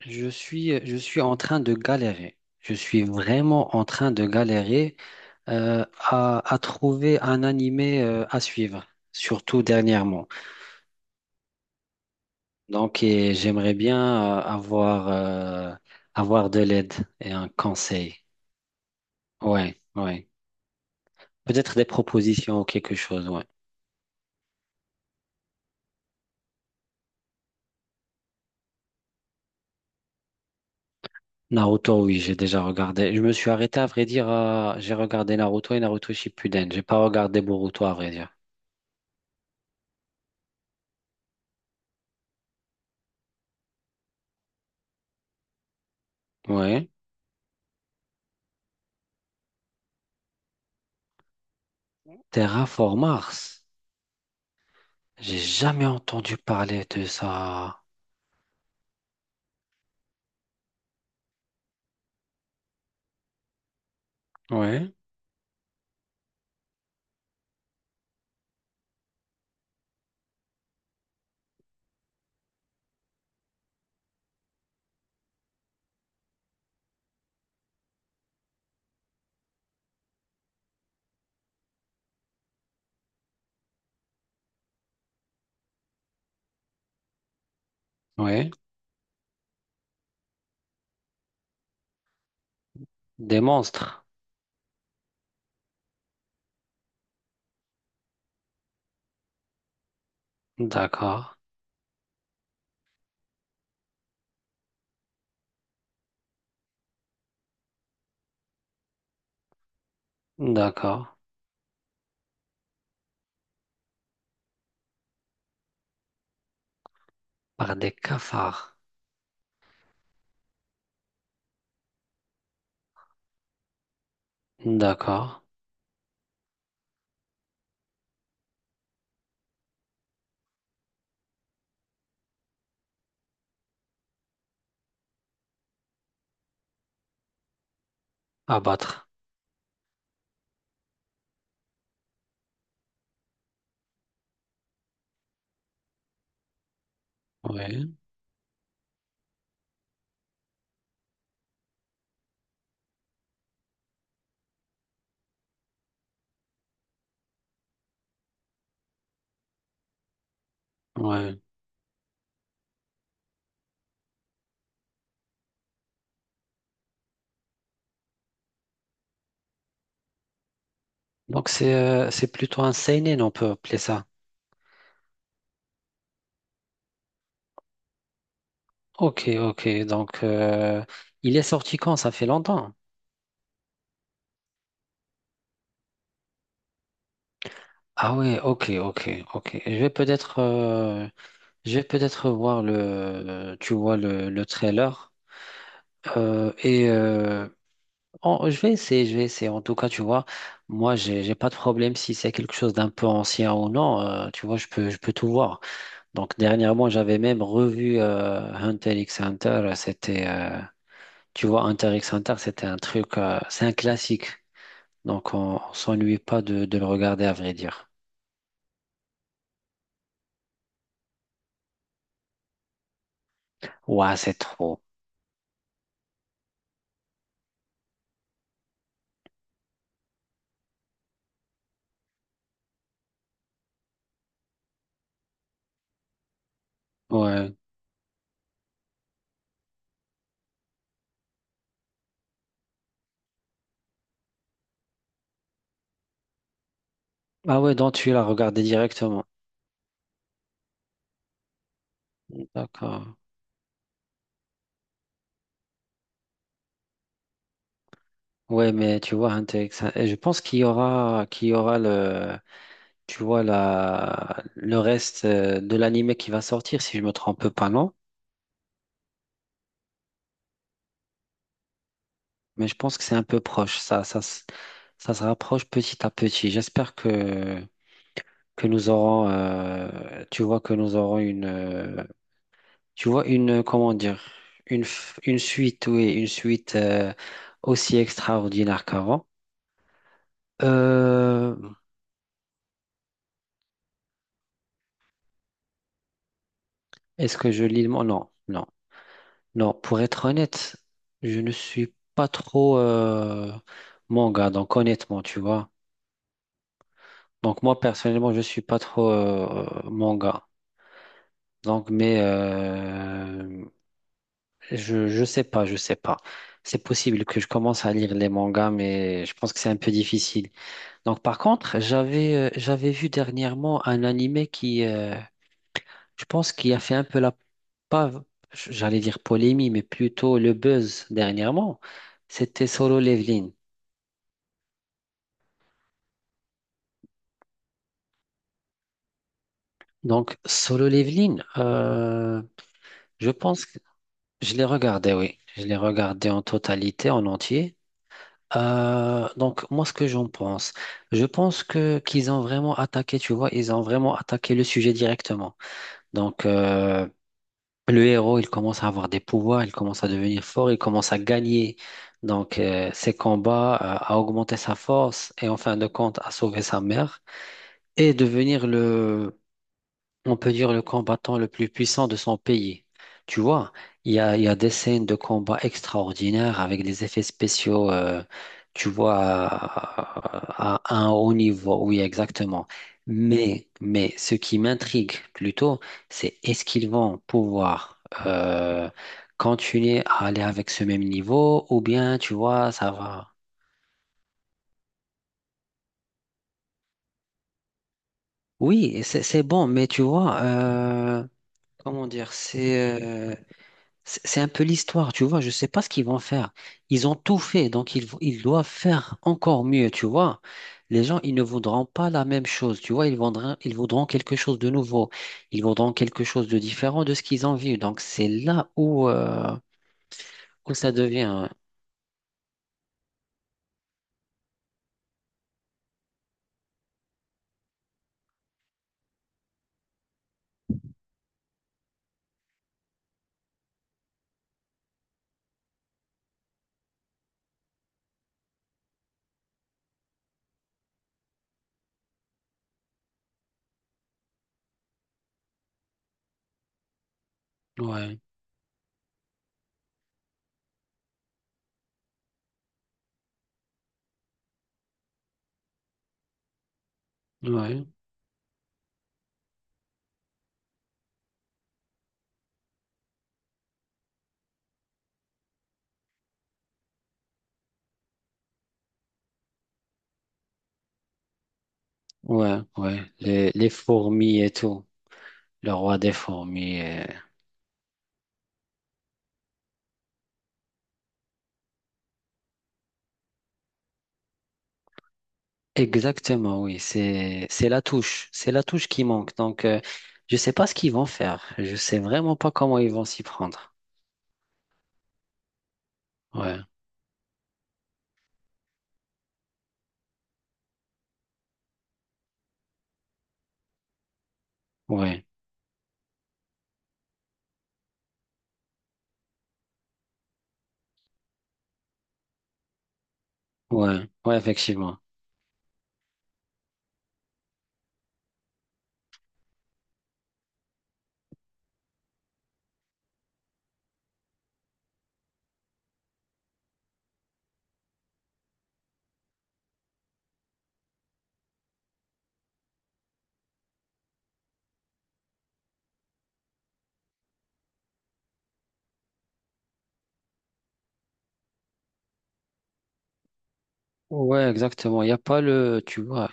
Je suis en train de galérer. Je suis vraiment en train de galérer à trouver un animé à suivre, surtout dernièrement. Donc, et j'aimerais bien avoir, avoir de l'aide et un conseil. Ouais, ouais. Peut-être des propositions ou quelque chose, ouais. Naruto, oui, j'ai déjà regardé. Je me suis arrêté, à vrai dire, j'ai regardé Naruto et Naruto Shippuden. J'ai pas regardé Boruto, à vrai dire. Ouais. Terraform Mars. J'ai jamais entendu parler de ça. Oui, oui. Des monstres. D'accord. D'accord. Par des cafards. D'accord. Abattre. Oui, oui. Donc c'est plutôt un seinen, on peut appeler ça. Ok, ok. Donc il est sorti quand? Ça fait longtemps. Ah oui. Ok, ok, ok. Je vais peut-être voir le tu vois le trailer. Euh, et euh, je vais essayer, je vais essayer. En tout cas, tu vois, moi, j'ai pas de problème si c'est quelque chose d'un peu ancien ou non. Tu vois, je peux tout voir. Donc, dernièrement, j'avais même revu Hunter x Hunter. Tu vois, Hunter x Hunter, c'est un classique. Donc, on s'ennuie pas de, de le regarder, à vrai dire. Ouais, c'est trop. Ouais. Ah ouais, donc tu l'as regardé directement. D'accord. Ouais, mais tu vois, Hunter x Hunter, je pense qu'il y aura le tu vois, la, le reste de l'anime qui va sortir, si je me trompe pas, non? Mais je pense que c'est un peu proche. Ça se rapproche petit à petit. J'espère que nous aurons, tu vois, que nous aurons une, tu vois, une, comment dire, une, une suite, oui, une suite aussi extraordinaire qu'avant. Euh, Est-ce que je lis le mot? Non, non. Non, pour être honnête, je ne suis pas trop manga, donc honnêtement, tu vois. Donc moi, personnellement, je suis pas trop manga. Donc, mais je sais pas, je sais pas. C'est possible que je commence à lire les mangas, mais je pense que c'est un peu difficile. Donc, par contre, j'avais vu dernièrement un animé qui, je pense, qui a fait un peu la, pas, j'allais dire polémie, mais plutôt le buzz dernièrement. C'était Solo Leveling. Donc, Solo Leveling, je pense que je l'ai regardé, oui. Je l'ai regardé en totalité, en entier. Donc, moi, ce que j'en pense, je pense que qu'ils ont vraiment attaqué, tu vois, ils ont vraiment attaqué le sujet directement. Donc, le héros, il commence à avoir des pouvoirs, il commence à devenir fort, il commence à gagner. Donc, ses combats, à augmenter sa force et en fin de compte, à sauver sa mère et devenir le on peut dire le combattant le plus puissant de son pays. Tu vois, il y a des scènes de combat extraordinaires avec des effets spéciaux, tu vois, à un haut niveau, oui, exactement. Mais ce qui m'intrigue plutôt, c'est est-ce qu'ils vont pouvoir euh, continuer à aller avec ce même niveau ou bien, tu vois, ça va. Oui, c'est bon, mais tu vois, comment dire, c'est un peu l'histoire, tu vois. Je sais pas ce qu'ils vont faire. Ils ont tout fait, donc ils doivent faire encore mieux, tu vois. Les gens, ils ne voudront pas la même chose, tu vois. Ils voudront quelque chose de nouveau. Ils voudront quelque chose de différent de ce qu'ils ont vu. Donc c'est là où, où ça devient. Ouais, ouais, ouais, ouais. Les fourmis et tout. Le roi des fourmis. Exactement, oui, c'est la touche, c'est la touche qui manque. Donc, je sais pas ce qu'ils vont faire. Je sais vraiment pas comment ils vont s'y prendre. Ouais, ouais, ouais, ouais, effectivement. Ouais, exactement. Il y a pas le, tu vois.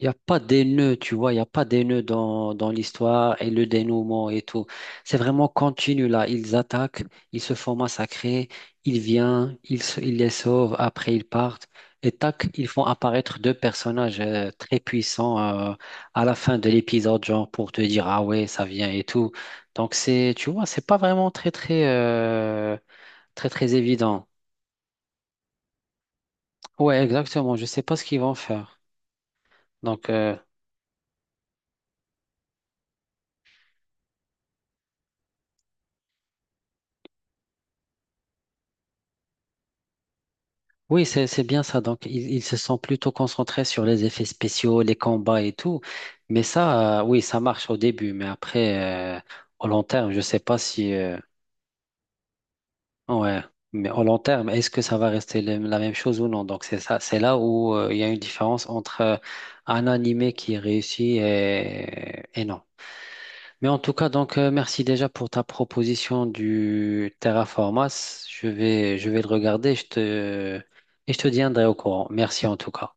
Il n'y a pas des nœuds, tu vois, il n'y a pas des nœuds dans, dans l'histoire et le dénouement et tout. C'est vraiment continu là. Ils attaquent, ils se font massacrer, ils viennent, ils les sauvent, après ils partent. Et tac, ils font apparaître deux personnages très puissants euh, à la fin de l'épisode, genre pour te dire, ah ouais, ça vient et tout. Donc c'est, tu vois, c'est pas vraiment très, très, très, très évident. Ouais, exactement. Je sais pas ce qu'ils vont faire. Donc, oui, c'est bien ça. Donc, ils se sont plutôt concentrés sur les effets spéciaux, les combats et tout. Mais ça, oui, ça marche au début. Mais après, au long terme, je sais pas si. Ouais. Mais au long terme, est-ce que ça va rester la même chose ou non? Donc, c'est ça. C'est là où il y a une différence entre un animé qui réussit et non. Mais en tout cas, donc, merci déjà pour ta proposition du Terraformas. Je vais le regarder. Je te, et je te tiendrai au courant. Merci en tout cas.